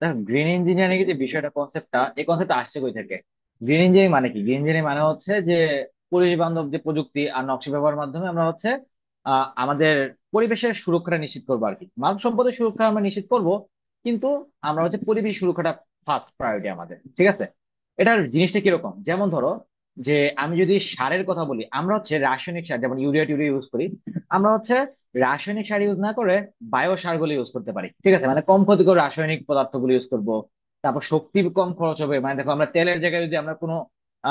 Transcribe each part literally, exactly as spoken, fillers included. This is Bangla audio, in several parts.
দেখো, গ্রিন ইঞ্জিনিয়ারিং এর যে বিষয়টা, কনসেপ্টটা, এই কনসেপ্টটা আসছে কই থেকে? গ্রিন ইঞ্জিনিয়ারিং মানে কি? গ্রিন ইঞ্জিনিয়ারিং মানে হচ্ছে যে পরিবেশ বান্ধব যে প্রযুক্তি আর নকশা ব্যবহারের মাধ্যমে আমরা হচ্ছে আহ, আমাদের পরিবেশের সুরক্ষাটা নিশ্চিত করবো আর কি, মানব সম্পদের সুরক্ষা আমরা নিশ্চিত করব। কিন্তু আমরা হচ্ছে পরিবেশ সুরক্ষাটা ফার্স্ট প্রায়োরিটি আমাদের, ঠিক আছে। এটার জিনিসটা কিরকম, যেমন ধরো যে আমি যদি সারের কথা বলি, আমরা হচ্ছে রাসায়নিক সার যেমন ইউরিয়া টিউরিয়া ইউজ করি। আমরা হচ্ছে রাসায়নিক সার ইউজ না করে বায়ো সারগুলো ইউজ করতে পারি, ঠিক আছে, মানে কম ক্ষতিকর রাসায়নিক পদার্থগুলো ইউজ করব। তারপর শক্তি কম খরচ হবে, মানে দেখো আমরা তেলের জায়গায় যদি আমরা কোনো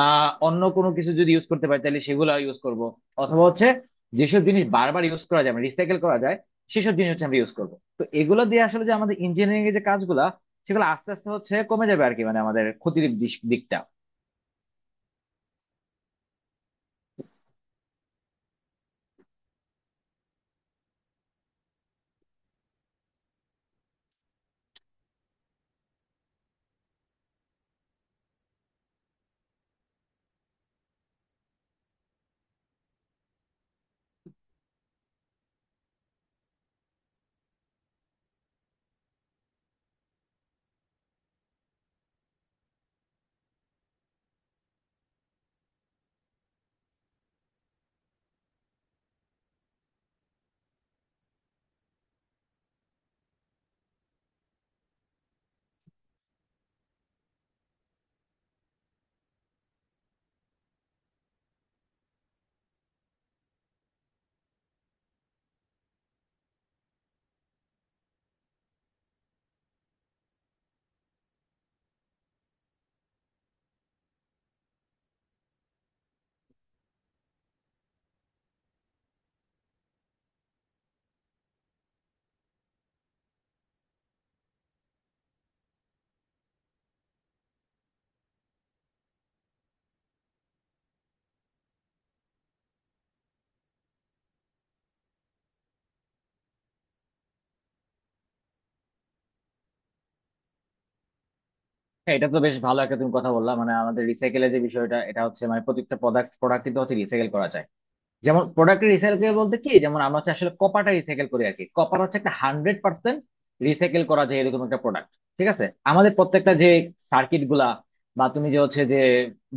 আহ অন্য কোনো কিছু যদি ইউজ করতে পারি তাহলে সেগুলো ইউজ করব। অথবা হচ্ছে যেসব জিনিস বারবার ইউজ করা যায়, রিসাইকেল করা যায়, সেসব জিনিস হচ্ছে আমরা ইউজ করব। তো এগুলো দিয়ে আসলে যে আমাদের ইঞ্জিনিয়ারিং এর যে কাজগুলা, সেগুলো আস্তে আস্তে হচ্ছে কমে যাবে আর কি, মানে আমাদের ক্ষতির দিস- দিকটা। হ্যাঁ, এটা তো বেশ ভালো একটা তুমি কথা বললা, মানে আমাদের রিসাইকেলের যে বিষয়টা, এটা হচ্ছে মানে প্রত্যেকটা প্রোডাক্ট প্রোডাক্ট কিন্তু হচ্ছে রিসাইকেল করা যায়। যেমন প্রোডাক্ট রিসাইকেল বলতে কি, যেমন আমরা হচ্ছে আসলে কপারটা রিসাইকেল করি আর কি। কপার হচ্ছে একটা হান্ড্রেড পার্সেন্ট রিসাইকেল করা যায় এরকম একটা প্রোডাক্ট, ঠিক আছে। আমাদের প্রত্যেকটা যে সার্কিট গুলা বা তুমি যে হচ্ছে যে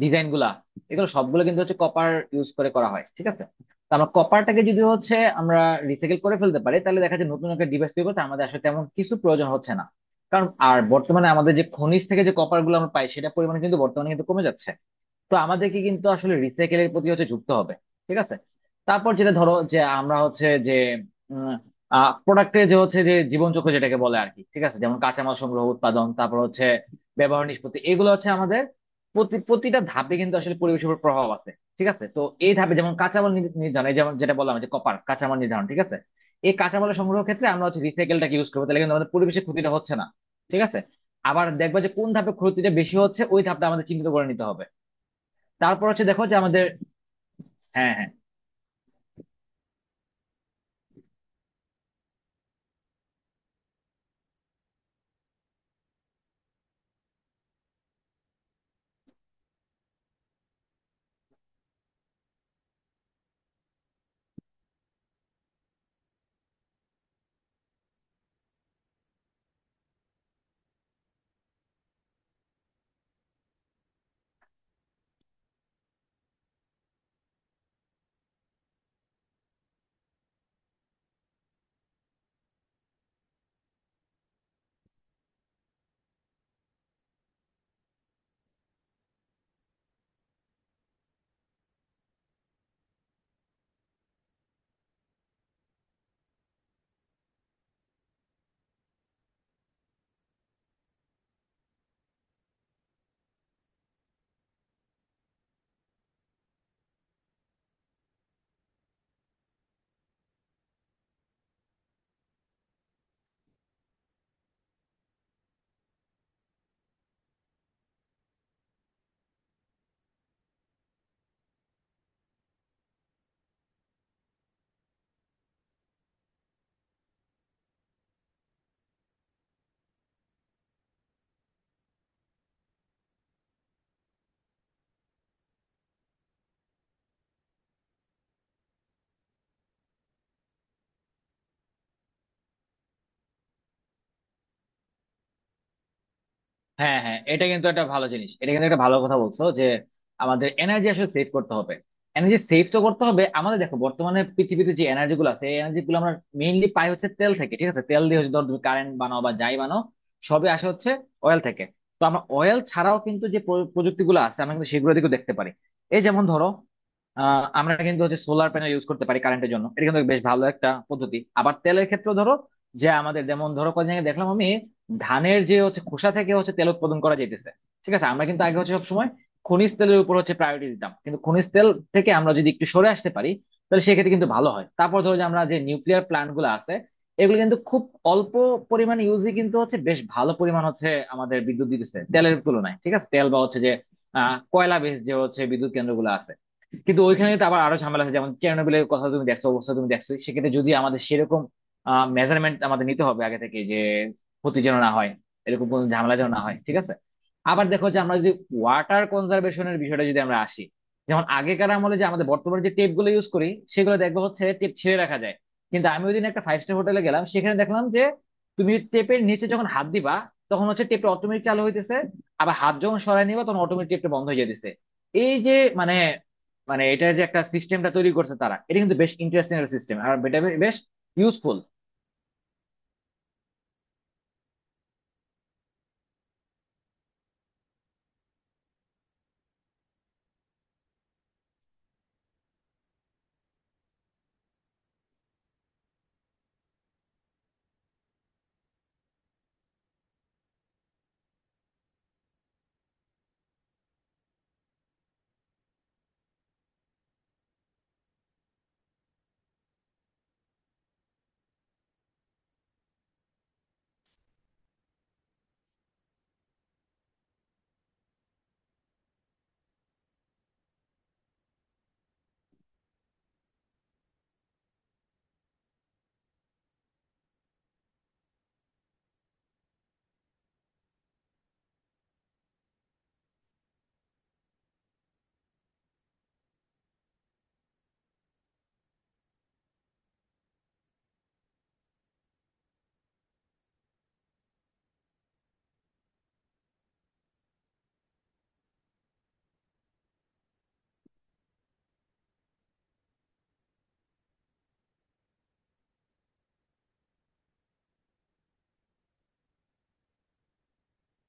ডিজাইন গুলা, এগুলো সবগুলো কিন্তু হচ্ছে কপার ইউজ করে করা হয়, ঠিক আছে। তো আমরা কপারটাকে যদি হচ্ছে আমরা রিসাইকেল করে ফেলতে পারি, তাহলে দেখা যায় নতুন একটা ডিভাইস তৈরি করতে আমাদের আসলে তেমন কিছু প্রয়োজন হচ্ছে না। কারণ আর বর্তমানে আমাদের যে খনিজ থেকে যে কপার গুলো আমরা পাই সেটা পরিমাণে কিন্তু বর্তমানে কিন্তু কমে যাচ্ছে। তো আমাদেরকে কিন্তু আসলে রিসাইকেলের প্রতি হচ্ছে যুক্ত হবে, ঠিক আছে। তারপর যেটা ধরো যে আমরা হচ্ছে যে প্রোডাক্টের যে হচ্ছে যে জীবনচক্র যেটাকে বলে আর কি, ঠিক আছে, যেমন কাঁচামাল সংগ্রহ, উৎপাদন, তারপর হচ্ছে ব্যবহার, নিষ্পত্তি, এগুলো হচ্ছে আমাদের প্রতি প্রতিটা ধাপে কিন্তু আসলে পরিবেশের উপর প্রভাব আছে, ঠিক আছে। তো এই ধাপে যেমন কাঁচামাল নি- নির্ধারণ, এই যেমন যেটা বললাম যে কপার কাঁচামাল নির্ধারণ, ঠিক আছে। এই কাঁচামাল সংগ্রহ ক্ষেত্রে আমরা হচ্ছে রিসাইকেলটাকে ইউজ করবো, তাহলে কিন্তু আমাদের পরিবেশের ক্ষতিটা হচ্ছে না, ঠিক আছে। আবার দেখবা যে কোন ধাপে ক্ষতিটা বেশি হচ্ছে, ওই ধাপটা আমাদের চিহ্নিত করে নিতে হবে। তারপর হচ্ছে দেখো যে আমাদের, হ্যাঁ হ্যাঁ। হ্যাঁ হ্যাঁ, এটা কিন্তু একটা ভালো জিনিস, এটা কিন্তু একটা ভালো কথা বলছো যে আমাদের এনার্জি আসলে সেভ করতে হবে। এনার্জি সেভ তো করতে হবে আমাদের, দেখো বর্তমানে পৃথিবীতে যে এনার্জি গুলো আছে এই এনার্জি গুলো আমরা মেইনলি পাই হচ্ছে তেল থেকে, ঠিক আছে। তেল দিয়ে হচ্ছে ধর তুমি কারেন্ট বানাও বা যাই বানাও, সবই আসে হচ্ছে অয়েল থেকে। তো আমরা অয়েল ছাড়াও কিন্তু যে প্রযুক্তি গুলো আছে আমরা কিন্তু সেগুলো দিকেও দেখতে পারি। এই যেমন ধরো, আহ আমরা কিন্তু হচ্ছে সোলার প্যানেল ইউজ করতে পারি কারেন্টের জন্য, এটা কিন্তু বেশ ভালো একটা পদ্ধতি। আবার তেলের ক্ষেত্রে ধরো যে আমাদের যেমন ধরো কদিন আগে দেখলাম আমি, ধানের যে হচ্ছে খোসা থেকে হচ্ছে তেল উৎপাদন করা যাইতেছে, ঠিক আছে। আমরা কিন্তু আগে হচ্ছে সবসময় খনিজ তেলের উপর হচ্ছে প্রায়োরিটি দিতাম, কিন্তু খনিজ তেল থেকে আমরা যদি একটু সরে আসতে পারি তাহলে সেক্ষেত্রে কিন্তু ভালো হয়। তারপর ধরো যে আমরা যে নিউক্লিয়ার প্ল্যান্ট গুলো আছে এগুলো কিন্তু খুব অল্প পরিমাণে ইউজই, কিন্তু হচ্ছে বেশ ভালো পরিমাণ হচ্ছে আমাদের বিদ্যুৎ দিতেছে তেলের তুলনায়, ঠিক আছে। তেল বা হচ্ছে যে আহ কয়লা বেস যে হচ্ছে বিদ্যুৎ কেন্দ্রগুলো আছে, কিন্তু ওইখানে তো আবার আরো ঝামেলা আছে, যেমন চেরনোবিলের কথা তুমি দেখছো, অবস্থা তুমি দেখছো। সেক্ষেত্রে যদি আমাদের সেরকম মেজারমেন্ট আমাদের নিতে হবে আগে থেকে, যে ক্ষতি যেন না হয়, এরকম কোনো ঝামেলা যেন না হয়, ঠিক আছে। আবার দেখো যে আমরা যদি ওয়াটার কনজারভেশনের বিষয়টা যদি আমরা আসি। যেমন আগেকার আমলে যে আমাদের বর্তমানে যে টেপ গুলো ইউজ করি সেগুলো দেখবো হচ্ছে টেপ ছিঁড়ে রাখা যায়। কিন্তু আমি ওই দিন একটা ফাইভ স্টার হোটেলে গেলাম, সেখানে দেখলাম যে তুমি টেপের নিচে যখন হাত দিবা তখন হচ্ছে টেপটা অটোমেটিক চালু হইতেছে, আবার হাত যখন সরায় নিবা তখন অটোমেটিক টেপটা বন্ধ হয়ে যেতেছে। এই যে, মানে, মানে এটা যে একটা সিস্টেমটা তৈরি করছে তারা, এটা কিন্তু বেশ ইন্টারেস্টিং একটা সিস্টেম, আর এটা বে- বেশ ইউজফুল।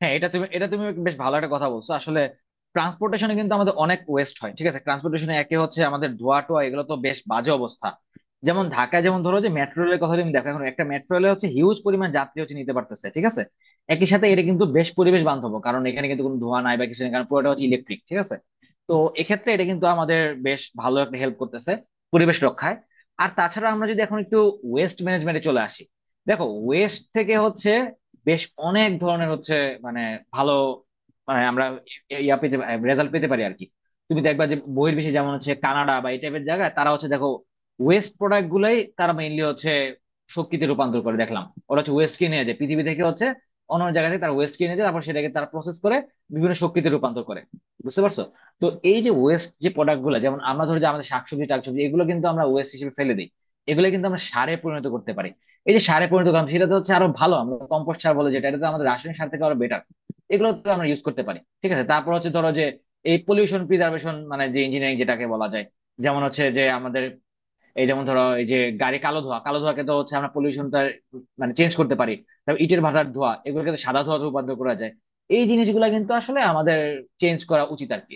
হ্যাঁ, এটা তুমি এটা তুমি বেশ ভালো একটা কথা বলছো আসলে। ট্রান্সপোর্টেশনে কিন্তু আমাদের অনেক ওয়েস্ট হয়, ঠিক আছে। ট্রান্সপোর্টেশনে একে হচ্ছে আমাদের ধোয়া টোয়া এগুলো তো বেশ বাজে অবস্থা। যেমন ঢাকায় যেমন ধরো যে মেট্রো রেলের কথা তুমি দেখো, এখন একটা মেট্রো রেলে হচ্ছে হিউজ পরিমাণ যাত্রী হচ্ছে নিতে পারতেছে, ঠিক আছে। একই সাথে এটা কিন্তু বেশ পরিবেশ বান্ধব, কারণ এখানে কিন্তু কোনো ধোঁয়া নাই বা কিছু নেই, কারণ পুরোটা হচ্ছে ইলেকট্রিক, ঠিক আছে। তো এক্ষেত্রে এটা কিন্তু আমাদের বেশ ভালো একটা হেল্প করতেছে পরিবেশ রক্ষায়। আর তাছাড়া আমরা যদি এখন একটু ওয়েস্ট ম্যানেজমেন্টে চলে আসি, দেখো ওয়েস্ট থেকে হচ্ছে বেশ অনেক ধরনের হচ্ছে মানে ভালো মানে আমরা ইয়া পেতে রেজাল্ট পেতে পারি আর কি। তুমি দেখবা যে বহির্বিশ্বে যেমন হচ্ছে কানাডা বা এই টাইপের জায়গায় তারা হচ্ছে দেখো ওয়েস্ট প্রোডাক্ট গুলাই তারা মেইনলি হচ্ছে শক্তিতে রূপান্তর করে দেখলাম। ওরা হচ্ছে ওয়েস্ট কিনে নিয়ে যায় পৃথিবী থেকে হচ্ছে অন্য অন্য জায়গা থেকে, তারা ওয়েস্ট কিনে নিয়ে যায় তারপর সেটাকে তারা প্রসেস করে বিভিন্ন শক্তিতে রূপান্তর করে। বুঝতে পারছো? তো এই যে ওয়েস্ট যে প্রোডাক্ট গুলো, যেমন আমরা ধরো যে আমাদের শাকসবজি টাকসবজি এগুলো কিন্তু আমরা ওয়েস্ট হিসেবে ফেলে দিই, এগুলো কিন্তু আমরা সারে পরিণত করতে পারি। এই যে সারে পরিণত করলাম সেটা তো হচ্ছে আরো ভালো, আমরা কম্পোস্ট সার বলে যেটা, এটা তো আমাদের রাসায়নিক সার থেকে আরো বেটার। এগুলো তো আমরা ইউজ করতে পারি, ঠিক আছে। তারপর হচ্ছে ধরো যে এই পলিউশন প্রিজার্ভেশন মানে যে ইঞ্জিনিয়ারিং যেটাকে বলা যায়, যেমন হচ্ছে যে আমাদের এই যেমন ধরো এই যে গাড়ি কালো ধোঁয়া, কালো ধোঁয়াকে তো হচ্ছে আমরা পলিউশনটা মানে চেঞ্জ করতে পারি। তারপর ইটের ভাটার ধোঁয়া, এগুলোকে তো সাদা ধোঁয়াতে রূপান্তর করা যায়। এই জিনিসগুলো কিন্তু আসলে আমাদের চেঞ্জ করা উচিত আর কি।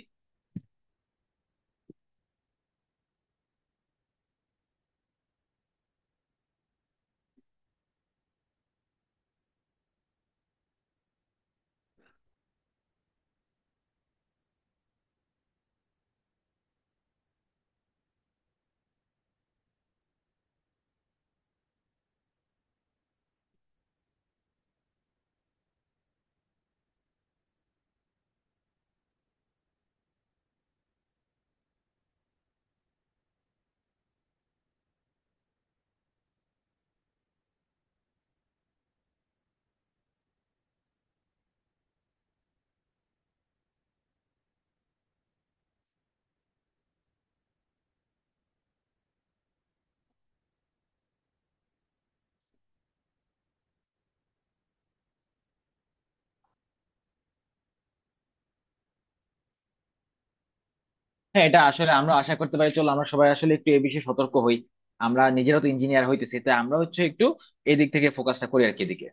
হ্যাঁ, এটা আসলে আমরা আশা করতে পারি। চলো আমরা সবাই আসলে একটু এ বিষয়ে সতর্ক হই। আমরা নিজেরা তো ইঞ্জিনিয়ার হইতেছি, তাই আমরা হচ্ছে একটু এদিক থেকে ফোকাসটা করি আর কি, এদিকে।